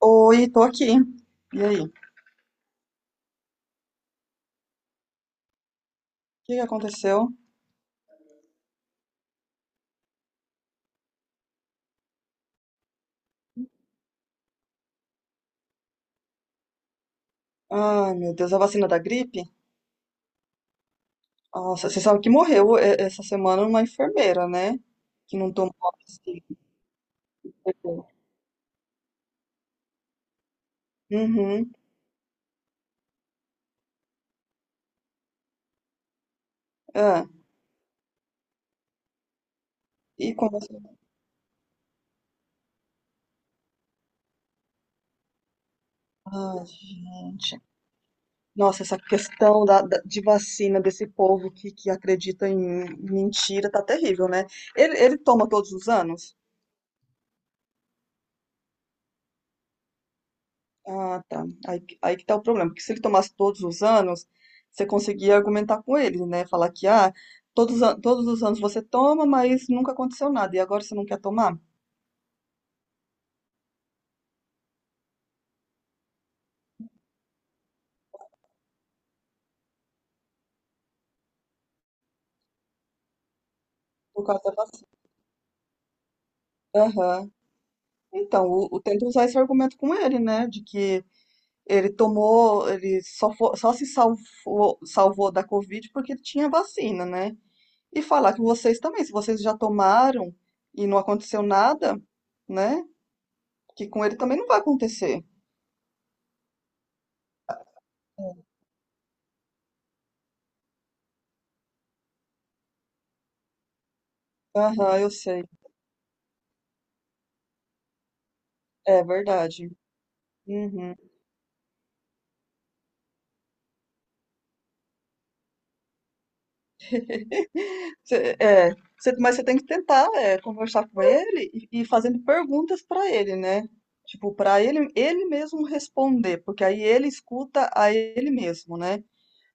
Oi, tô aqui. E aí? O que que aconteceu? Ai, meu Deus, a vacina da gripe? Nossa, você sabe que morreu essa semana uma enfermeira, né? Que não tomou a vacina. Uhum. É. E como assim? Ai, gente. Nossa, essa questão da, de vacina desse povo que acredita em mentira tá terrível, né? Ele toma todos os anos? Ah, tá. Aí, aí que tá o problema, porque se ele tomasse todos os anos, você conseguia argumentar com ele, né? Falar que, ah, todos os anos você toma, mas nunca aconteceu nada, e agora você não quer tomar? Por causa da vacina. Aham. Então, tenta usar esse argumento com ele, né? De que ele tomou, ele só, só se salvou da Covid porque ele tinha vacina, né? E falar que vocês também, se vocês já tomaram e não aconteceu nada, né? Que com ele também não vai acontecer. Aham, eu sei. É verdade. Uhum. Cê- é, mas você tem que tentar conversar com ele e fazendo perguntas para ele, né? Tipo, para ele, ele mesmo responder, porque aí ele escuta a ele mesmo, né?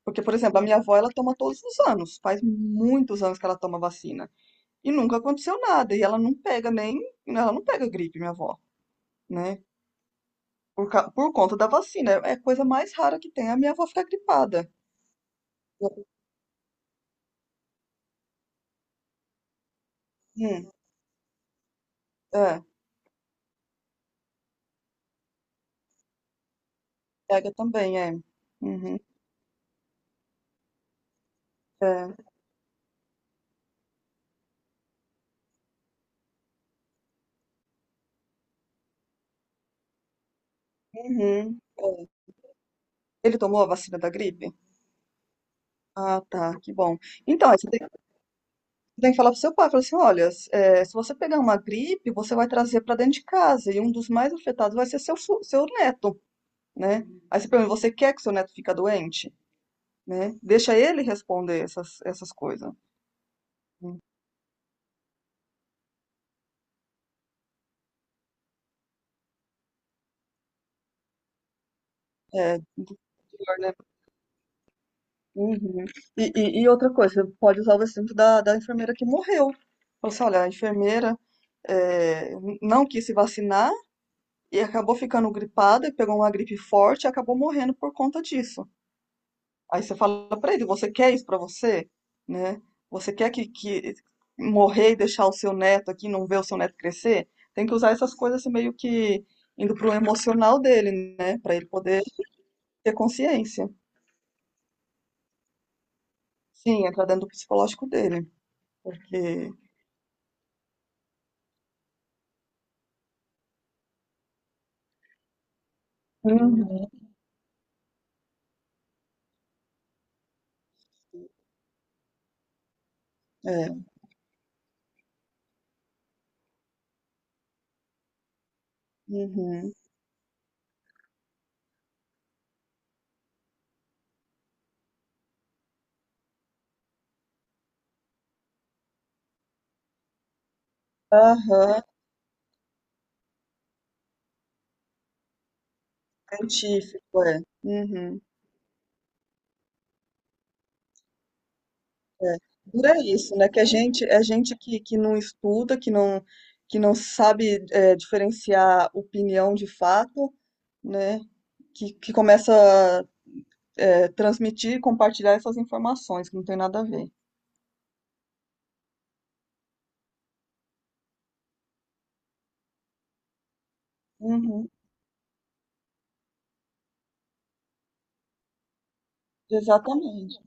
Porque, por exemplo, a minha avó, ela toma todos os anos, faz muitos anos que ela toma vacina e nunca aconteceu nada, e ela não pega nem, ela não pega gripe, minha avó, né? Por conta da vacina, é a coisa mais rara que tem, a minha avó fica gripada. Hum, é, pega também, é. Uhum, é. Uhum. É. Ele tomou a vacina da gripe? Ah, tá, que bom. Então, aí você tem que falar pro seu pai, falar assim, olha, se você pegar uma gripe, você vai trazer para dentro de casa e um dos mais afetados vai ser seu neto, né? Aí você pergunta, você quer que seu neto fica doente? Né? Deixa ele responder essas coisas. É, pior, né? Uhum. E outra coisa, você pode usar o exemplo da enfermeira que morreu. Falou assim, olha, a enfermeira não quis se vacinar, e acabou ficando gripada, pegou uma gripe forte e acabou morrendo por conta disso. Aí você fala pra ele, você quer isso pra você, né? Você quer que morrer e deixar o seu neto aqui, não ver o seu neto crescer? Tem que usar essas coisas assim, meio que indo pro emocional dele, né? Pra ele poder ter consciência. Sim, entrar dentro do psicológico dele, porque uhum. É, uhum, aham, científico, é, uhum. Não é isso, né? Que a gente, é gente que não estuda, que não sabe diferenciar opinião de fato, né? Que começa a transmitir e compartilhar essas informações, que não tem nada a ver. Uhum, exatamente.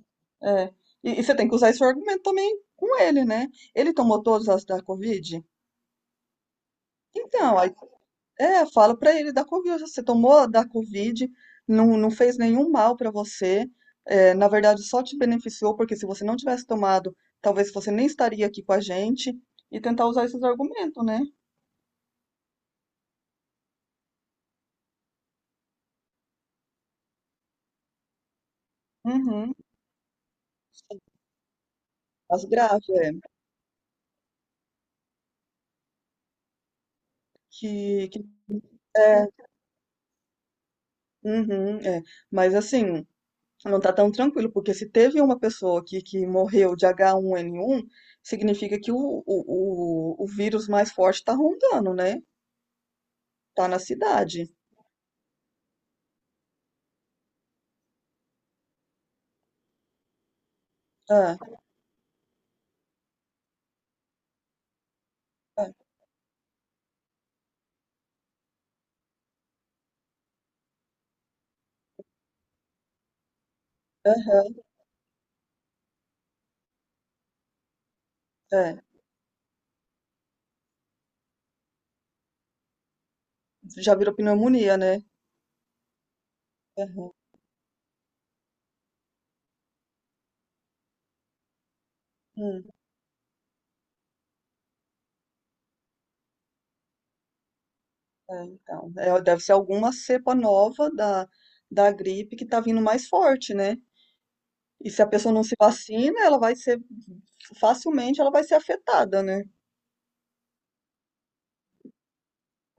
É. E você tem que usar esse argumento também com ele, né? Ele tomou todas as da Covid? Então, aí é, fala pra ele da Covid. Você tomou a da Covid, não, não fez nenhum mal pra você. É, na verdade, só te beneficiou, porque se você não tivesse tomado, talvez você nem estaria aqui com a gente. E tentar usar esses argumentos, né? Uhum. As graves, é. Que, que, é, uhum, é. Mas assim, não tá tão tranquilo, porque se teve uma pessoa aqui que morreu de H1N1, significa que o vírus mais forte tá rondando, né? Tá na cidade. Ah, ah. Aham, é. Já virou pneumonia, né? Aham, hum, é, então, é, deve ser alguma cepa nova da gripe que tá vindo mais forte, né? E se a pessoa não se vacina, facilmente ela vai ser afetada, né?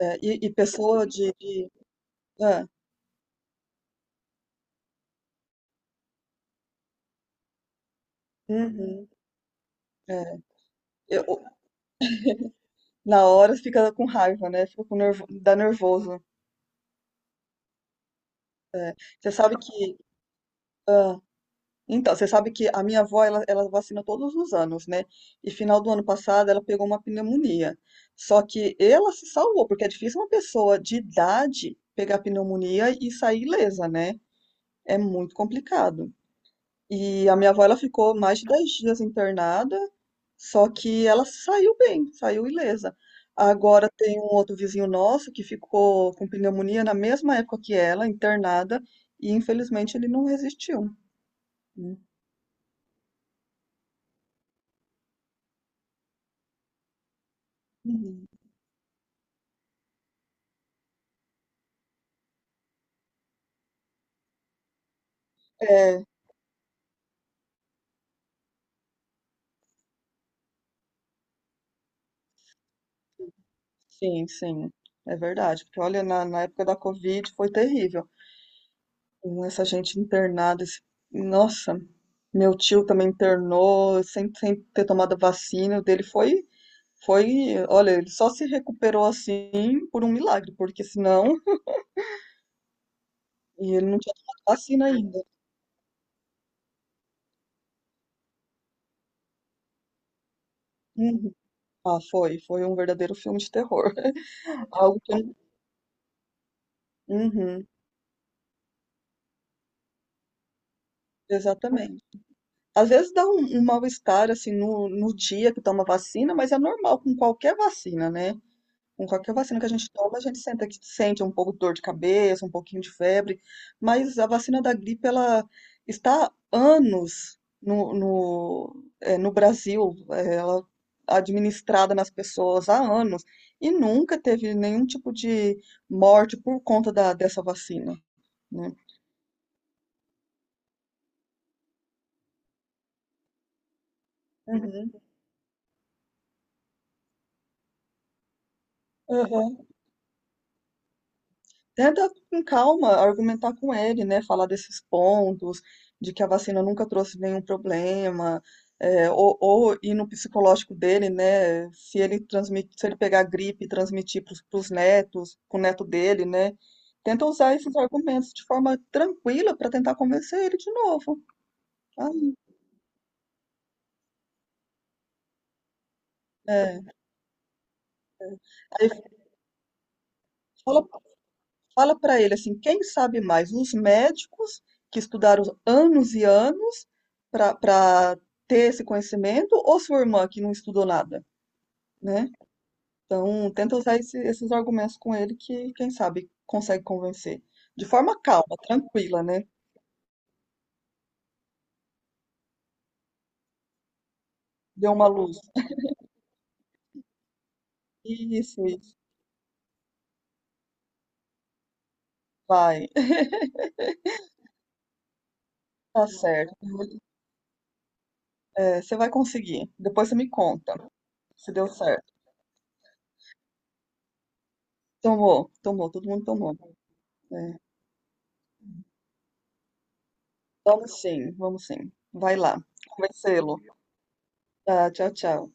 É, e pessoa é, uhum, é. Eu- Na hora fica com raiva, né? Fica com nervo, dá nervoso. É. Você sabe que ah, Então, você sabe que a minha avó, ela vacina todos os anos, né? E final do ano passado ela pegou uma pneumonia. Só que ela se salvou, porque é difícil uma pessoa de idade pegar pneumonia e sair ilesa, né? É muito complicado. E a minha avó, ela ficou mais de 10 dias internada, só que ela saiu bem, saiu ilesa. Agora tem um outro vizinho nosso que ficou com pneumonia na mesma época que ela, internada, e infelizmente ele não resistiu. Uhum. Sim, sim, é verdade. Porque olha, na época da Covid foi terrível. Com essa gente internada, nossa, meu tio também internou sem ter tomado vacina. O dele foi, foi, olha, ele só se recuperou assim por um milagre, porque senão, e ele não tinha tomado vacina ainda. Uhum. Ah, foi um verdadeiro filme de terror. Algo que eu uhum, exatamente. Às vezes dá um mal-estar assim no dia que toma vacina, mas é normal com qualquer vacina, né? Com qualquer vacina que a gente toma, a gente sente um pouco de dor de cabeça, um pouquinho de febre, mas a vacina da gripe, ela está há anos no Brasil, ela administrada nas pessoas há anos, e nunca teve nenhum tipo de morte por conta dessa vacina, né? Uhum. Aham. Tenta com calma argumentar com ele, né? Falar desses pontos, de que a vacina nunca trouxe nenhum problema, ou ir no psicológico dele, né? Se ele pegar gripe e transmitir para os netos, pro neto dele, né? Tenta usar esses argumentos de forma tranquila para tentar convencer ele de novo. Aí, é. Aí fala Fala para ele assim, quem sabe mais, os médicos que estudaram anos e anos para ter esse conhecimento, ou sua irmã que não estudou nada, né? Então, tenta usar esses argumentos com ele que, quem sabe, consegue convencer. De forma calma, tranquila, né? Deu uma luz. Isso, isso. Vai, tá certo. É, você vai conseguir. Depois você me conta se deu certo. Tomou, tomou, todo mundo tomou. É, vamos sim, vamos sim. Vai lá, convencê-lo. Tá, tchau, tchau.